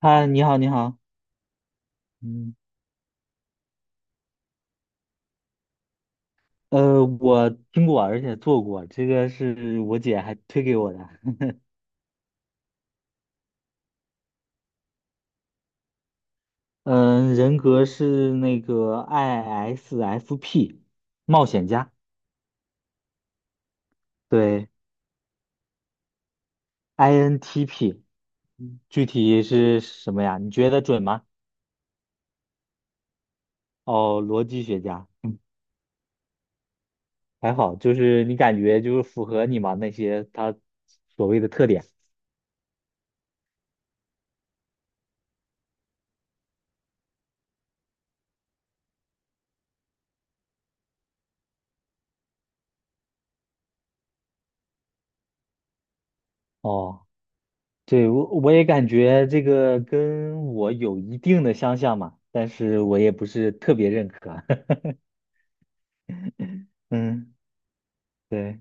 嗨，你好，你好。嗯，我听过，而且做过，这个是我姐还推给我的。嗯，人格是那个 ISFP 冒险家。对，INTP。具体是什么呀？你觉得准吗？哦，逻辑学家。嗯还好，就是你感觉就是符合你嘛那些他所谓的特点。哦。对，我也感觉这个跟我有一定的相像嘛，但是我也不是特别认可。嗯，对。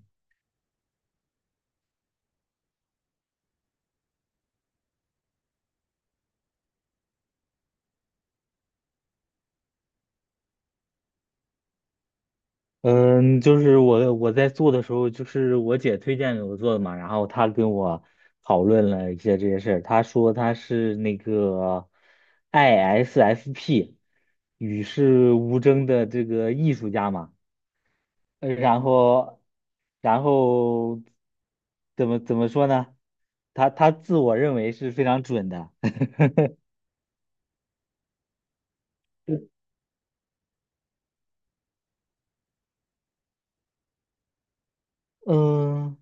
嗯，就是我在做的时候，就是我姐推荐给我做的嘛，然后她跟我讨论了一些这些事儿，她说她是那个 ISFP 与世无争的这个艺术家嘛，然后，然后怎么说呢？他自我认为是非常准的。嗯，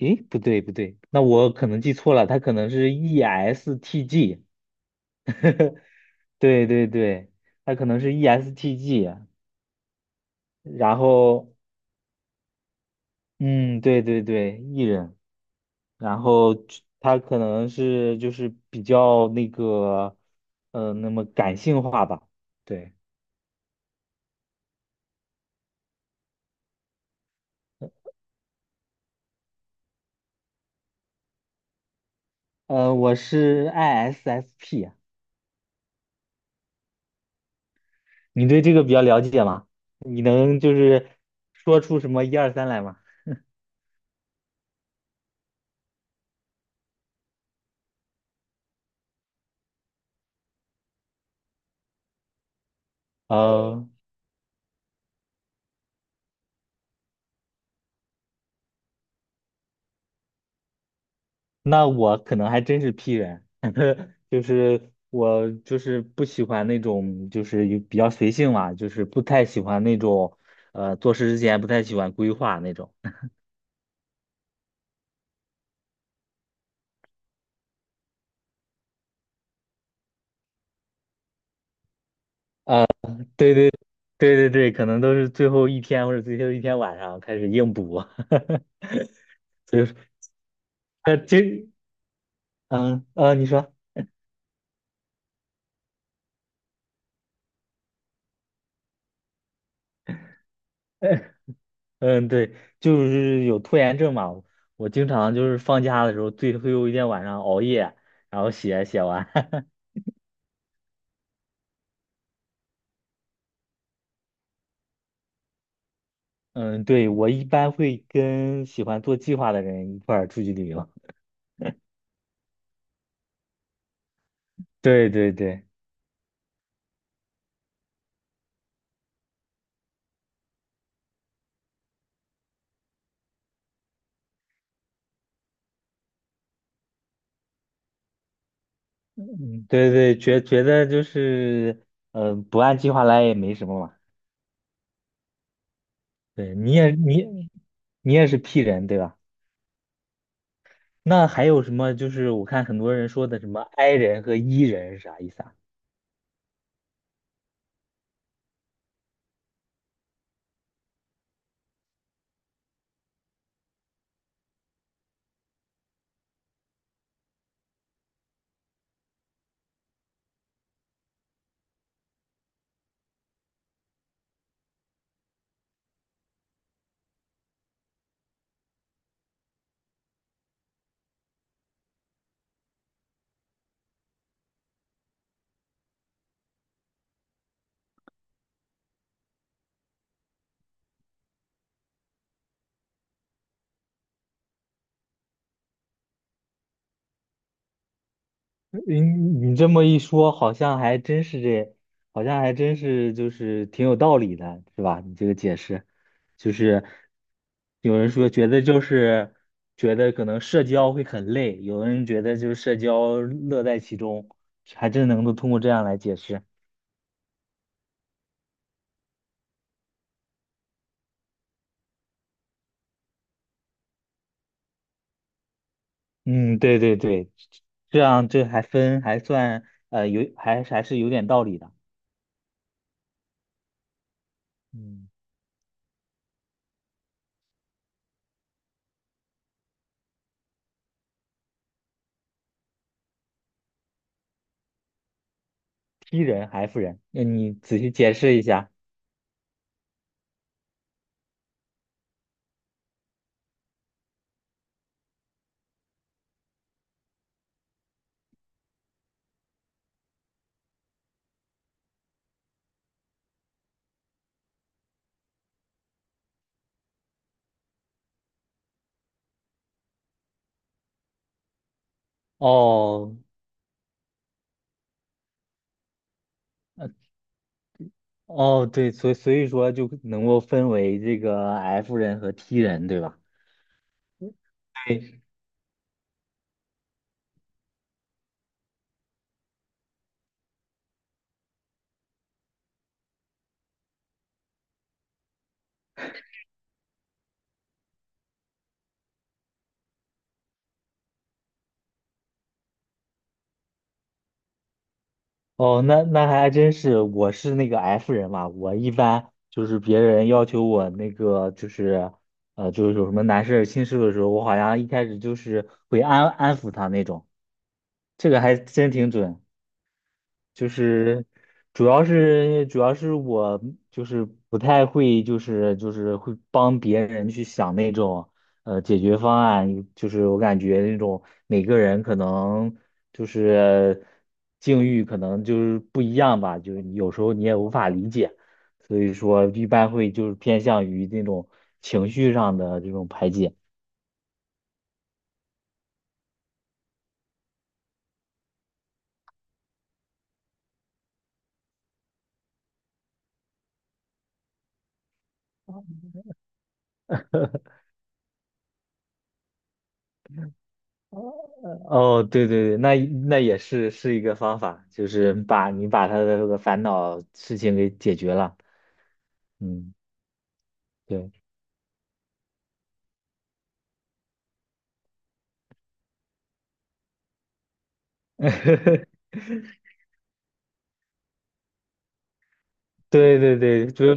诶，不对，那我可能记错了，他可能是 ESTG。对对对，他可能是 ESTG。然后嗯，对对对艺人。然后他可能是就是比较那个，那么感性化吧。对。我是 ISFP。你对这个比较了解吗？你能就是说出什么一二三来吗？呃，那我可能还真是 P 人。就是我就是不喜欢那种就是有比较随性嘛，就是不太喜欢那种做事之前不太喜欢规划那种。对对对对对，可能都是最后一天或者最后一天晚上开始硬补。所以说其实你说。嗯，对，就是有拖延症嘛。我经常就是放假的时候，最后一天晚上熬夜，然后写完。嗯，对，我一般会跟喜欢做计划的人一块儿出去旅游。对对对。嗯，对对，觉得就是，不按计划来也没什么嘛。对，你也是 P 人对吧？那还有什么？就是我看很多人说的什么 I 人和 E 人是啥意思啊？你你这么一说，好像还真是这，好像还真是就是挺有道理的，是吧？你这个解释，就是有人说觉得就是觉得可能社交会很累，有的人觉得就是社交乐在其中，还真能够通过这样来解释。嗯，对对对，这样这还分还算有还还是有点道理的。嗯，T 人还 F 人，那你仔细解释一下。哦，哦，对，所以所以说就能够分为这个 F 人和 T 人，对吧？对，哦，那那还真是，我是那个 F 人嘛，我一般就是别人要求我那个就是，就是有什么难事儿心事的时候，我好像一开始就是会安抚他那种，这个还真挺准。就是主要是我就是不太会，就是会帮别人去想那种解决方案，就是我感觉那种每个人可能就是境遇可能就是不一样吧，就是有时候你也无法理解，所以说一般会就是偏向于那种情绪上的这种排解。哦，对对对，那那也是一个方法，就是把你把他的这个烦恼事情给解决了。嗯，对。对对对，就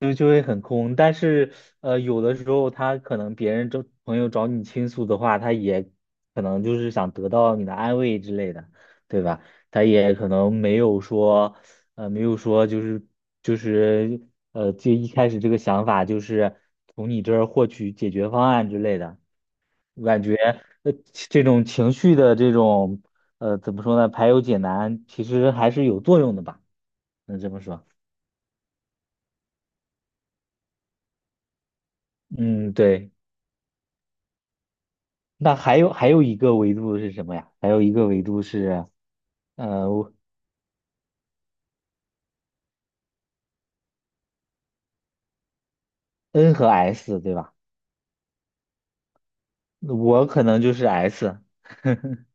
就就会很空。但是有的时候他可能别人找朋友找你倾诉的话，他也可能就是想得到你的安慰之类的，对吧？他也可能没有说没有说就是就是就一开始这个想法就是从你这儿获取解决方案之类的。我感觉呃，这种情绪的这种怎么说呢，排忧解难，其实还是有作用的吧？能这么说。嗯，对。那还有还有一个维度是什么呀？还有一个维度是呃 N 和 S 对吧？我可能就是 S。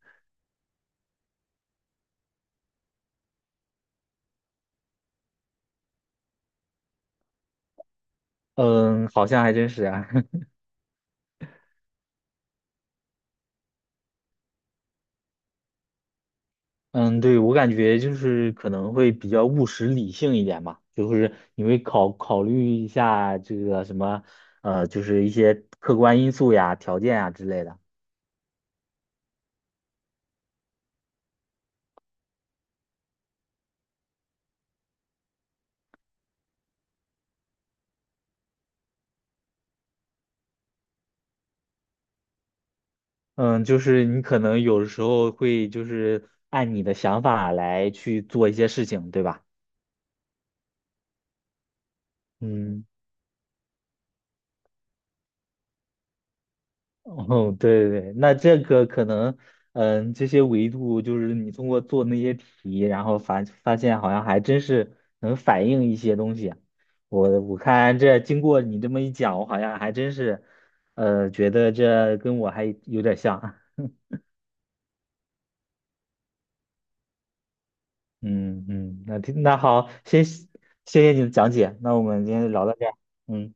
嗯，好像还真是啊。嗯，对，我感觉就是可能会比较务实理性一点吧，就是你会考虑一下这个什么，就是一些客观因素呀、条件呀之类的。嗯，就是你可能有时候会就是按你的想法来去做一些事情，对吧？嗯。哦，对对对，那这个可能，嗯，这些维度就是你通过做那些题，然后发现好像还真是能反映一些东西啊。我看这经过你这么一讲，我好像还真是，觉得这跟我还有点像啊。嗯嗯，那好，谢谢你的讲解，那我们今天就聊到这儿。嗯。